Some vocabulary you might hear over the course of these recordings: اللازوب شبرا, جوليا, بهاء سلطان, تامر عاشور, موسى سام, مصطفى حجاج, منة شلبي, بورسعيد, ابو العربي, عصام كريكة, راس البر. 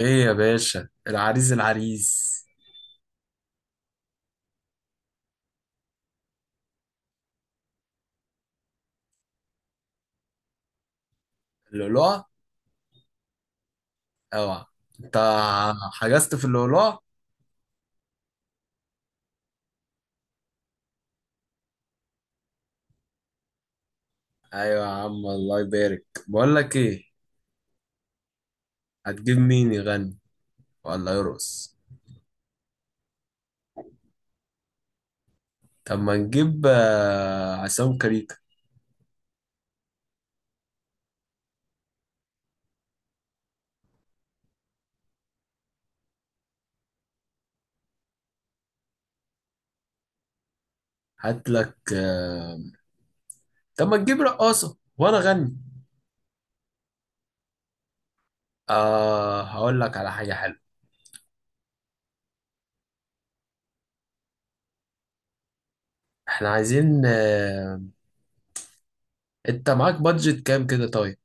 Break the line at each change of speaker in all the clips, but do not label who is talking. ايه يا باشا. العريس العريس اللؤلؤة؟ اوعى. انت حجزت في اللؤلؤة؟ ايوه يا عم، الله يبارك، بقول لك ايه، هتجيب مين يغني ولا يرقص؟ طب ما نجيب عصام كريكة. هات لك طب ما نجيب رقاصة وانا اغني. آه هقول لك على حاجة حلوة. احنا عايزين انت معاك بادجت كام كده طيب؟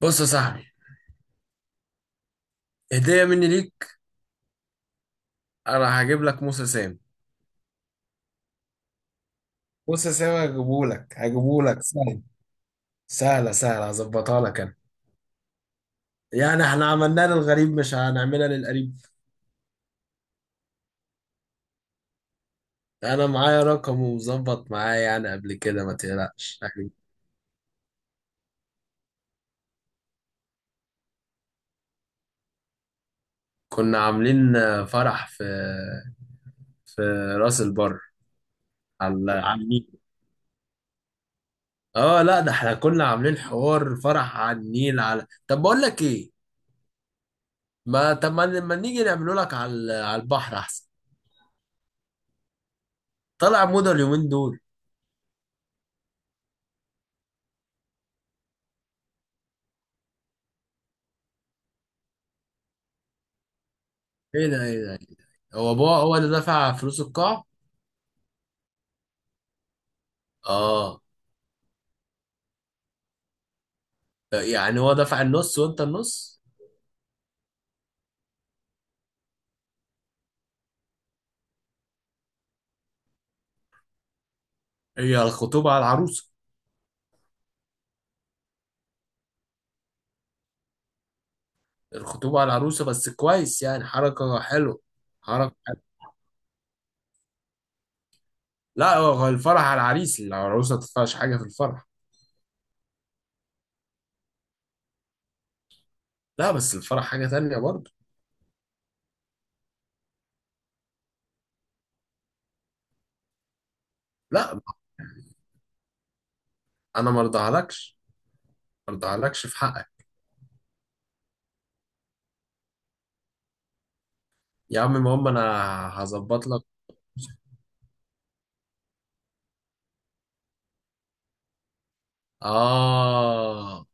بص يا صاحبي، هدية مني ليك، انا هجيب لك موسى سام. بص يا سامي هجيبهولك، هجيبهولك سهل. سهلة سهلة، هظبطها لك أنا. يعني احنا عملناها للغريب مش هنعملها للقريب؟ أنا معايا رقم، ومظبط معايا يعني قبل كده، ما تقلقش يعني. كنا عاملين فرح في راس البر، على النيل. اه لا ده احنا كنا عاملين حوار فرح على النيل. على طب بقول لك ايه، ما طب ما نيجي نعمله لك على البحر احسن. طلع موضة اليومين دول. ايه ده ايه ده؟ هو بابا هو اللي دفع فلوس القاعة؟ اه، يعني هو دفع النص وانت النص. هي الخطوبة على العروسة؟ الخطوبة على العروسة بس كويس، يعني حركة حلوة. حركة حلوة. لا هو الفرح على العريس، العروسة ما تدفعش حاجة في الفرح. لا بس الفرح حاجة تانية برضه. لا، أنا ما ارضاهالكش، ما ارضاهالكش في حقك. يا عم المهم أنا هظبط لك. آه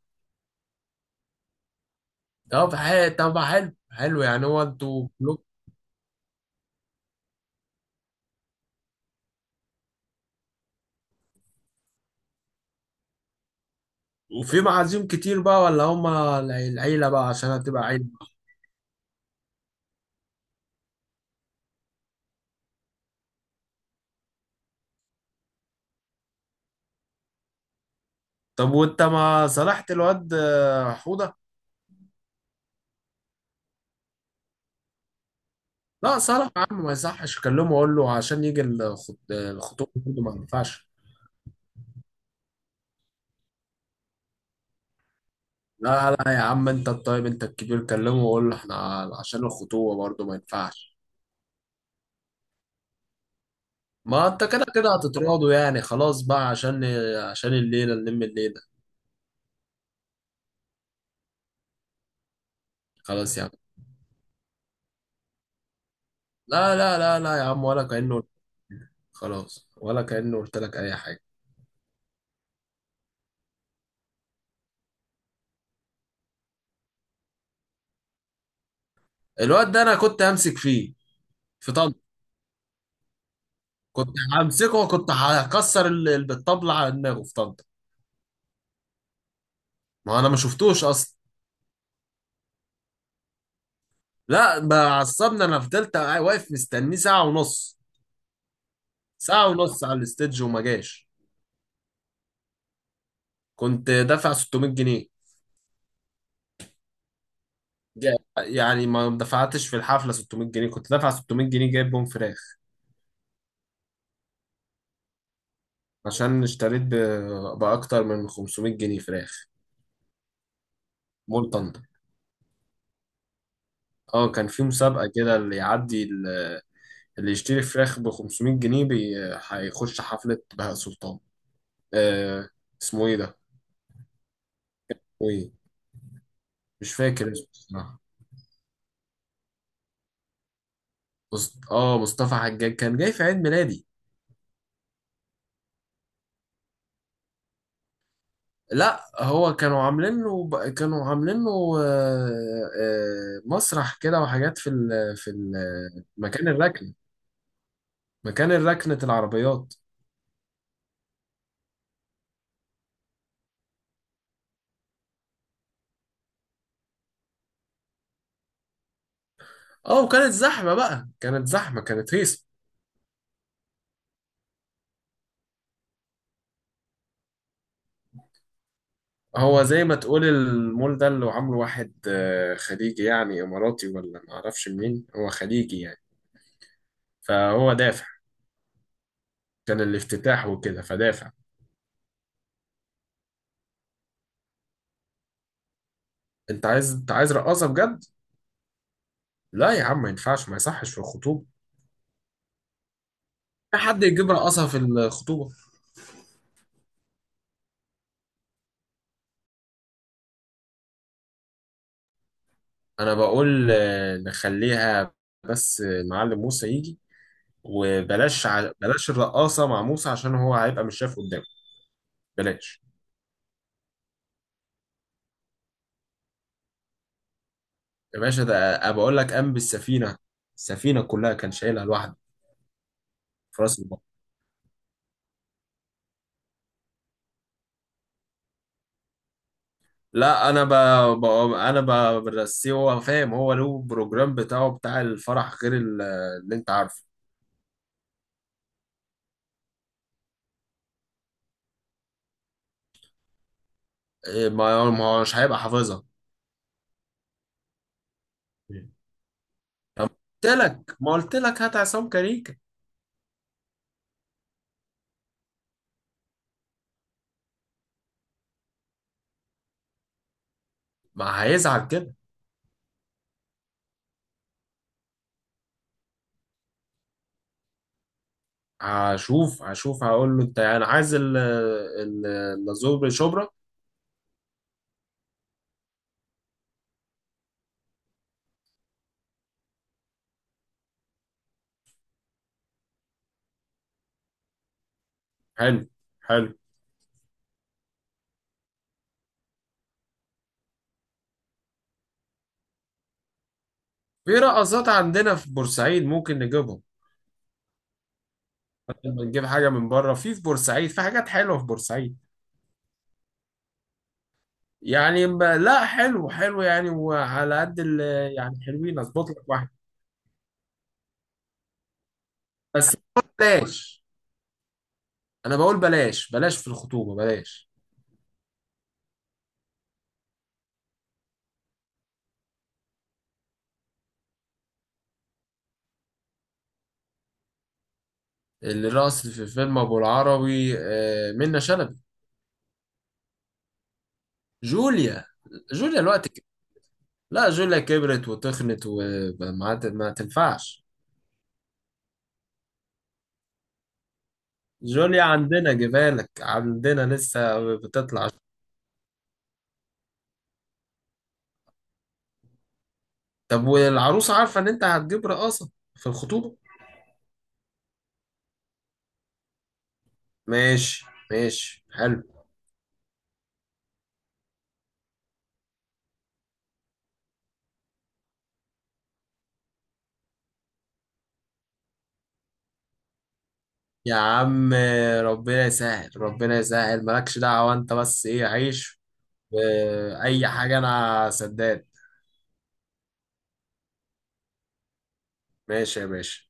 طب حلو، طب حلو حلو. يعني هو انتوا كلكم- وفي معازيم كتير بقى ولا هما العيلة بقى عشان هتبقى عيلة؟ طب وانت ما صالحت الواد حوضة؟ لا صالح يا عم، ما يصحش، اكلمه اقول له عشان يجي الخط- الخطوبه برضه ما ينفعش. لا لا يا عم انت الطيب انت الكبير، كلمه وقول له احنا، عشان الخطوبه برضه ما ينفعش. ما انت كده كده هتتراضوا يعني، خلاص بقى، عشان الليله نلم الليله. خلاص يا عم. لا لا لا لا يا عم، ولا كانه، خلاص، ولا كانه قلت لك اي حاجه. الواد ده انا كنت همسك فيه في طنطا، كنت همسكه وكنت هكسر بالطبله على دماغه في طنطا. ما انا ما شفتوش اصلا. لا بقى عصبني، انا فضلت واقف مستنيه ساعه ونص، ساعه ونص على الاستيدج وما جاش. كنت دافع 600 جنيه. جا- يعني ما دفعتش في الحفله 600 جنيه، كنت دافع 600 جنيه جايب بهم فراخ. عشان اشتريت باكتر من 500 جنيه فراخ. مول طنطا. اه كان في مسابقه كده اللي يشتري فراخ ب 500 جنيه بي... هيخش حفله بهاء سلطان. آه. اسمه ايه ده؟ ايه؟ مش فاكر اسمه. اه مصطفى حجاج كان جاي في عيد ميلادي. لا هو كانوا عاملين له آه، مسرح كده وحاجات في ال مكان الركن، مكان الركنة العربيات. اه وكانت زحمة بقى، كانت زحمة، كانت هيصة. هو زي ما تقول المول ده اللي عامله واحد خليجي، يعني اماراتي ولا معرفش منين، هو خليجي يعني فهو دافع. كان الافتتاح وكده فدافع. انت عايز، انت عايز رقاصة بجد؟ لا يا عم ما ينفعش، ما يصحش في الخطوبة، في حد يجيب رقصها في الخطوبة؟ أنا بقول نخليها، بس معلم موسى يجي، وبلاش بلاش الرقاصة مع موسى عشان هو هيبقى مش شايف قدامه. بلاش. يا باشا ده أنا بقول لك قام بالسفينة، السفينة كلها كان شايلها لوحده في راس البحر. لا أنا ب... برسيه، هو فاهم، هو له بروجرام بتاعه بتاع الفرح غير اللي أنت عارفه. إيه، ما ما هو مش هيبقى حافظها. طب قلت لك، ما قلت لك هات عصام كاريكا. ما هيزعل كده. هشوف هشوف هقول له، انت انا عايز اللازوب شبرا. حلو حلو. في رقصات عندنا في بورسعيد ممكن نجيبهم. لما نجيب حاجه من بره، في بورسعيد في حاجات حلوه في بورسعيد. يعني لا حلو حلو، يعني وعلى قد يعني حلوين. اظبط لك واحد بس. بلاش. انا بقول بلاش، بلاش في الخطوبه بلاش. الرقص في فيلم ابو العربي منة شلبي. جوليا؟ جوليا الوقت؟ لا جوليا كبرت وتخنت وما ت- ما تنفعش. جوليا عندنا، جبالك عندنا لسه بتطلع. طب والعروسة عارفة ان انت هتجيب رقاصة في الخطوبة؟ ماشي. ماشي حلو. يا عم ربنا يسهل، ربنا يسهل، مالكش دعوة انت بس، ايه عيش. واي حاجة انا سداد. ماشي يا باشا.